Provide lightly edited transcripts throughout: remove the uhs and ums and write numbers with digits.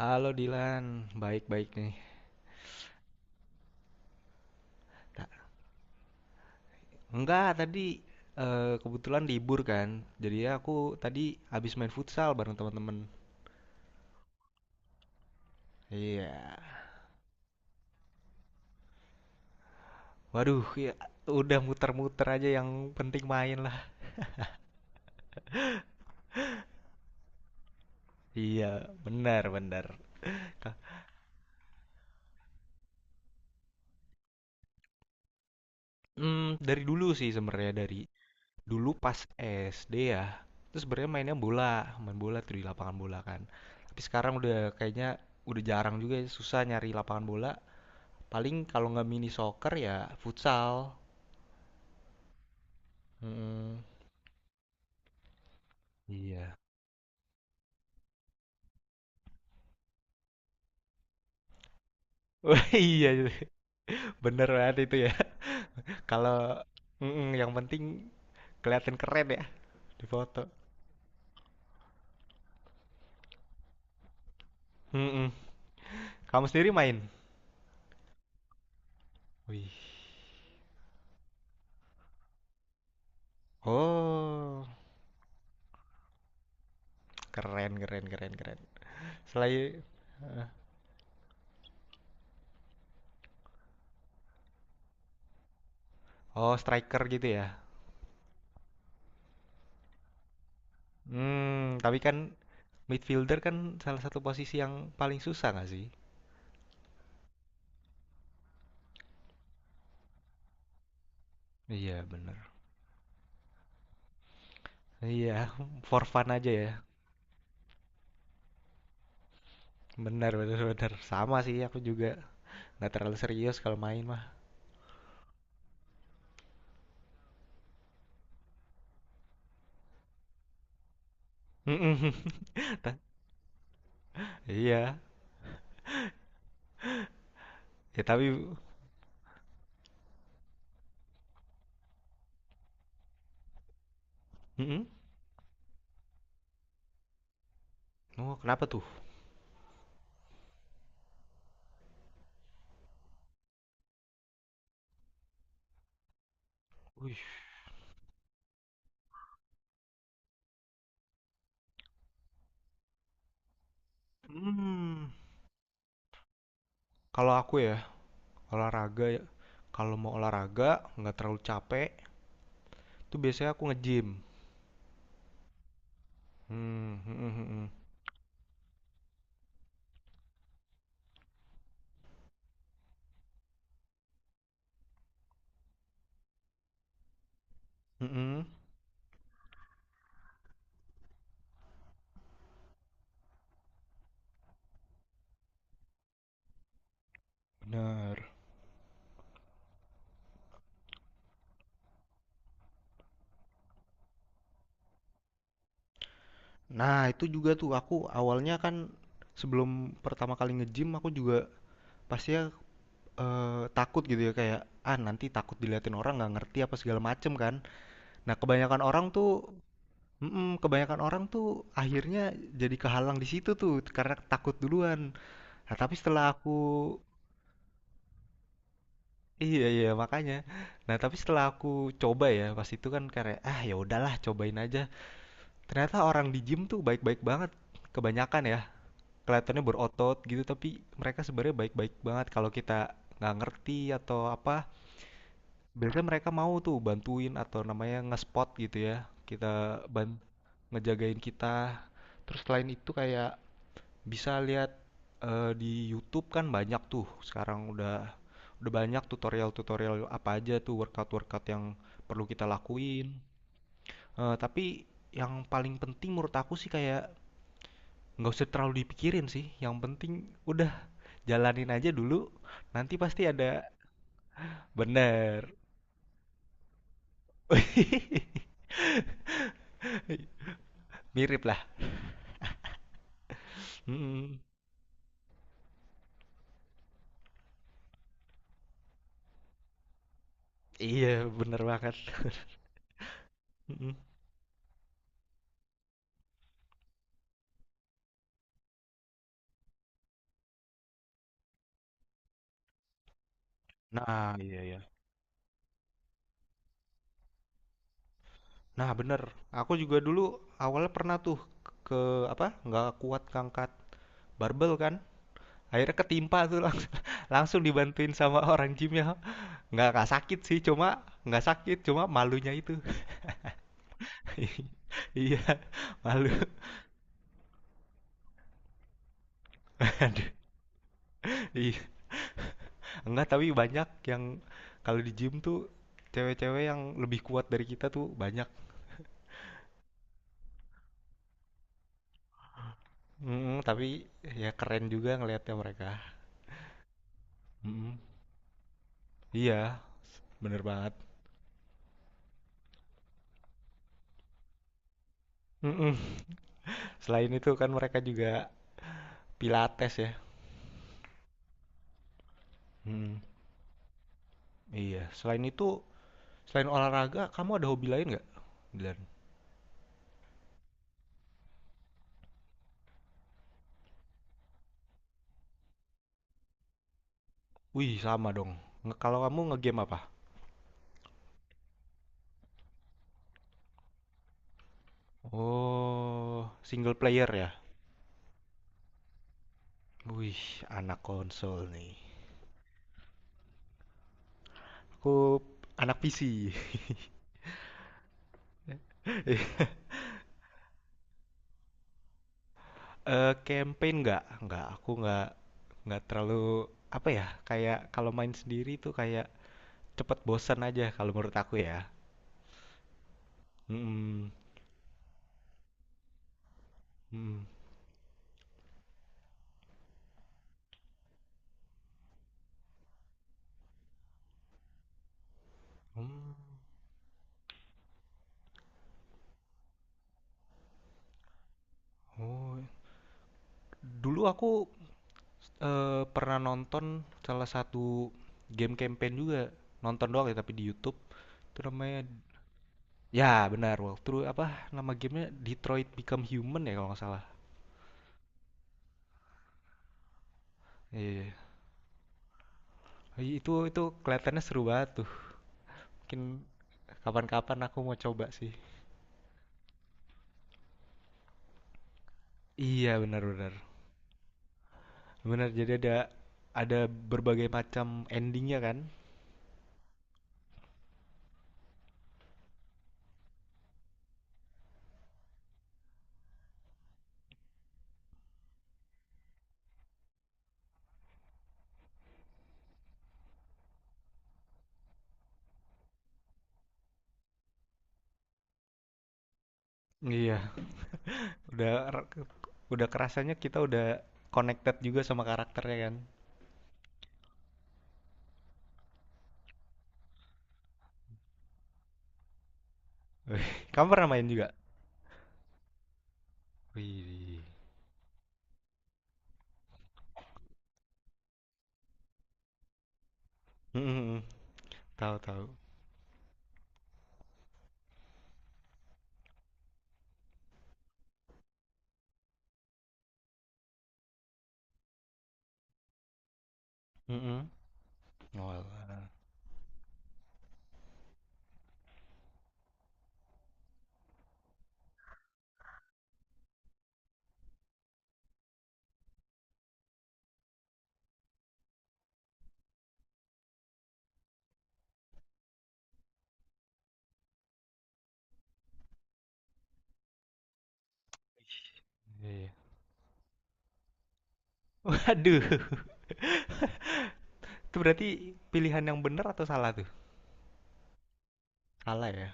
Halo Dilan, baik-baik nih. Ta- Enggak, tadi kebetulan libur kan. Jadi ya aku tadi habis main futsal bareng teman-teman. Iya. Waduh, ya, udah muter-muter aja yang penting main lah. Iya, benar, benar. Ka- dari dulu sih sebenarnya dari dulu pas SD ya. Terus sebenarnya mainnya bola, main bola tuh di lapangan bola kan. Tapi sekarang udah kayaknya udah jarang juga ya, susah nyari lapangan bola. Paling kalau nggak mini soccer ya futsal. Mm-mm. Iya. Wah, iya itu. Bener banget itu ya. Kalau mm-mm, yang penting kelihatan keren ya di foto. Mm-mm. Kamu sendiri main? Wih. Oh, keren, keren, keren, keren. Selain oh, striker gitu ya. Tapi kan midfielder kan salah satu posisi yang paling susah nggak sih? Iya, bener. Iya, for fun aja ya. Benar, benar, benar. Sama sih aku juga nggak terlalu serius kalau main mah. Iya, ya, tapi. Mhm. Oh, kenapa tuh? Wih. Hmm, Kalau aku ya, olahraga ya. Kalau mau olahraga, nggak terlalu capek, tuh biasanya aku nge-gym. Hmm, mhm, mhm. Mhm, benar. Nah, itu juga tuh aku awalnya kan sebelum pertama kali nge-gym aku juga pastinya takut gitu ya kayak ah nanti takut diliatin orang nggak ngerti apa segala macem kan. Nah, kebanyakan orang tuh. Mhm. Kebanyakan orang tuh akhirnya jadi kehalang di situ tuh karena takut duluan. Nah, tapi setelah aku. Iya, iya, makanya. Nah, tapi setelah aku coba ya pas itu kan kayak ah ya udahlah cobain aja. Ternyata orang di gym tuh baik-baik banget kebanyakan ya. Kelihatannya berotot gitu tapi mereka sebenarnya baik-baik banget kalau kita nggak ngerti atau apa. Biasanya mereka mau tuh bantuin atau namanya nge-spot gitu ya. Kita ban Ngejagain kita. Terus selain itu kayak bisa lihat di YouTube kan banyak tuh sekarang udah banyak tutorial-tutorial apa aja tuh workout-workout yang perlu kita lakuin. Eh, tapi yang paling penting menurut aku sih kayak nggak usah terlalu dipikirin sih. Yang penting udah jalanin aja dulu. Nanti pasti ada. Bener. Mirip lah. Mm-mm. Iya, bener banget. Mm-mm. Nah, iya ya. Nah, bener. Aku juga dulu awalnya pernah tuh ke apa? Nggak kuat ngangkat barbel kan. Akhirnya ketimpa tuh langsung, langsung dibantuin sama orang gymnya. Nggak sakit sih, cuma nggak sakit, cuma malunya itu. Iya, malu. Aduh, iya. Enggak, tapi banyak yang kalau di gym tuh cewek-cewek yang lebih kuat dari kita tuh banyak. Tapi ya keren juga ngelihatnya mereka. Mm, iya, bener banget. Mm-mm. Selain itu kan mereka juga pilates ya. Hmm, iya. Selain itu, selain olahraga, kamu ada hobi lain nggak, Dilan? Wih, sama dong. Kalau kamu ngegame apa? Oh, single player ya. Wih, anak konsol nih. Aku anak PC. Eh, campaign nggak? Nggak, aku nggak terlalu apa ya? Kayak kalau main sendiri tuh kayak cepet bosan aja kalau menurut aku ya. Hmm. Mm. Hmm. Oh, dulu aku pernah nonton salah satu game campaign juga. Nonton doang ya tapi di YouTube. Itu namanya. Ya, benar, walkthrough. Apa nama gamenya? Detroit Become Human ya kalau nggak salah. Iya, iya. Iya, itu kelihatannya seru banget tuh. Mungkin kapan-kapan aku mau coba sih. Iya, benar-benar. Benar, jadi ada ada berbagai macam endingnya kan. Iya, udah udah kerasanya kita udah connected juga sama karakternya kan. Wih, kamu pernah main juga? Wih. Mm, mm, tahu, tahu. Mm, mm. Walah. Iya, iya. Waduh. Itu berarti pilihan yang benar atau salah tuh? Salah ya?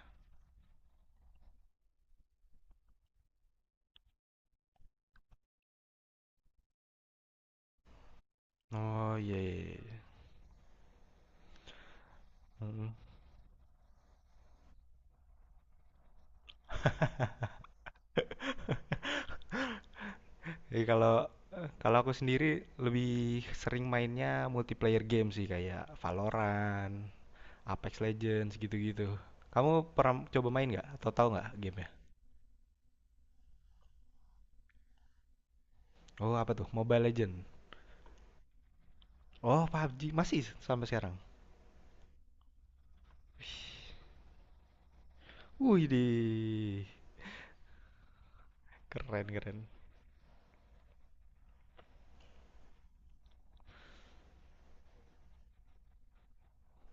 Oh, iya, iya, iya. Mm-mm. Jadi kalau kalau aku sendiri lebih sering mainnya multiplayer game sih kayak Valorant, Apex Legends gitu-gitu. Kamu pernah coba main nggak atau tahu nggak gamenya? Oh, apa tuh? Mobile Legend. Oh, PUBG masih sampai sekarang. Wih, wih deh. Keren, keren.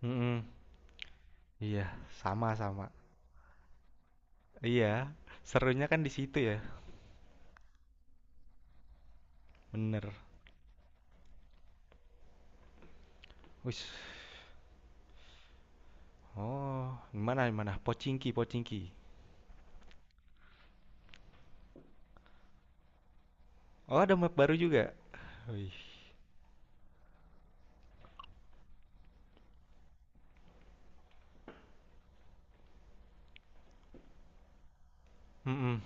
Mhm, iya, sama sama. Iya, serunya kan di situ ya, bener. Wis, oh, gimana, gimana? Pochinki, Pochinki. Oh, ada map baru juga. Wih, mhm.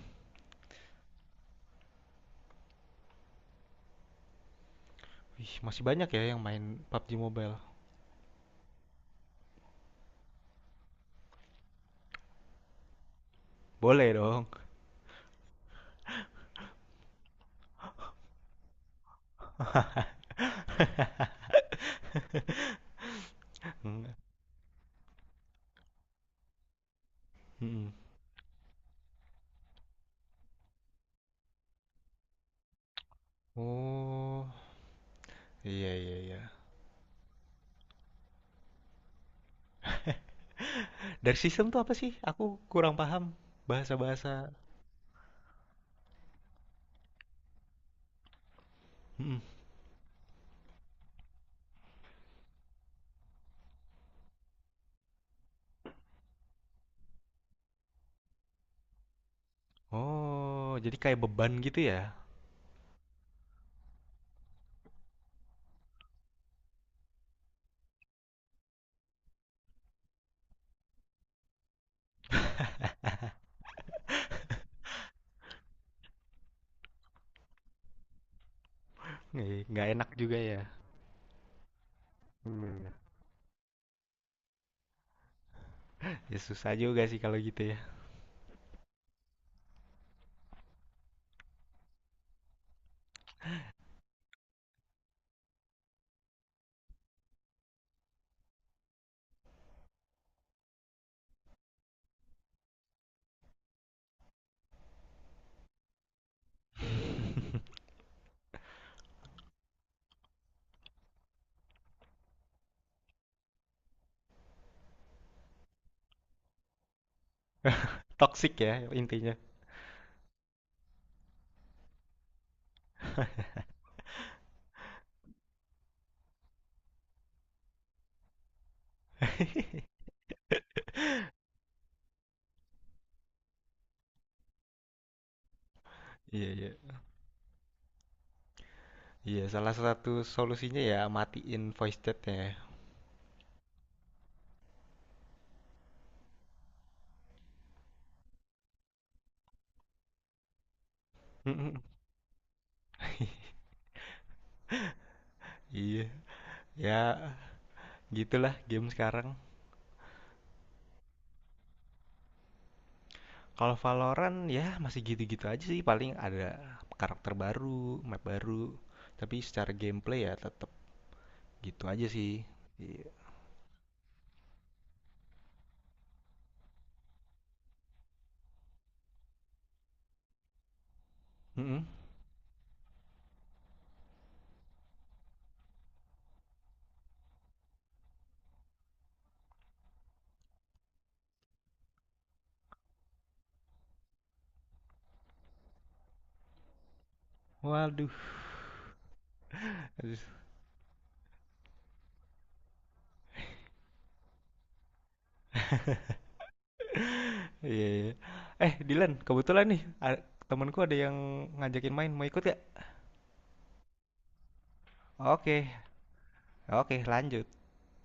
Wih, masih banyak ya yang main PUBG Mobile. Boleh dong. Mhm. Mhm. Oh, iya, iya, iya. Dari sistem tuh apa sih? Aku kurang paham bahasa-bahasa. Mhm. Oh, jadi kayak beban gitu ya? Nggak nggak enak juga ya. Hmm. Ya susah juga sih kalau gitu ya. Toxic ya, intinya. Iya, iya, iya, salah satu solusinya ya matiin voice chat ya. Iya ya, gitulah game sekarang. Kalau Valorant ya masih gitu-gitu aja sih paling ada karakter baru, map baru. Tapi secara gameplay ya tetap gitu aja sih. Iya. Mm-mm. Waduh. Aduh. Iya, iya. Eh, Dilan, kebetulan nih, temanku ada yang ngajakin main, mau ikut gak? Oke, oke, lanjut.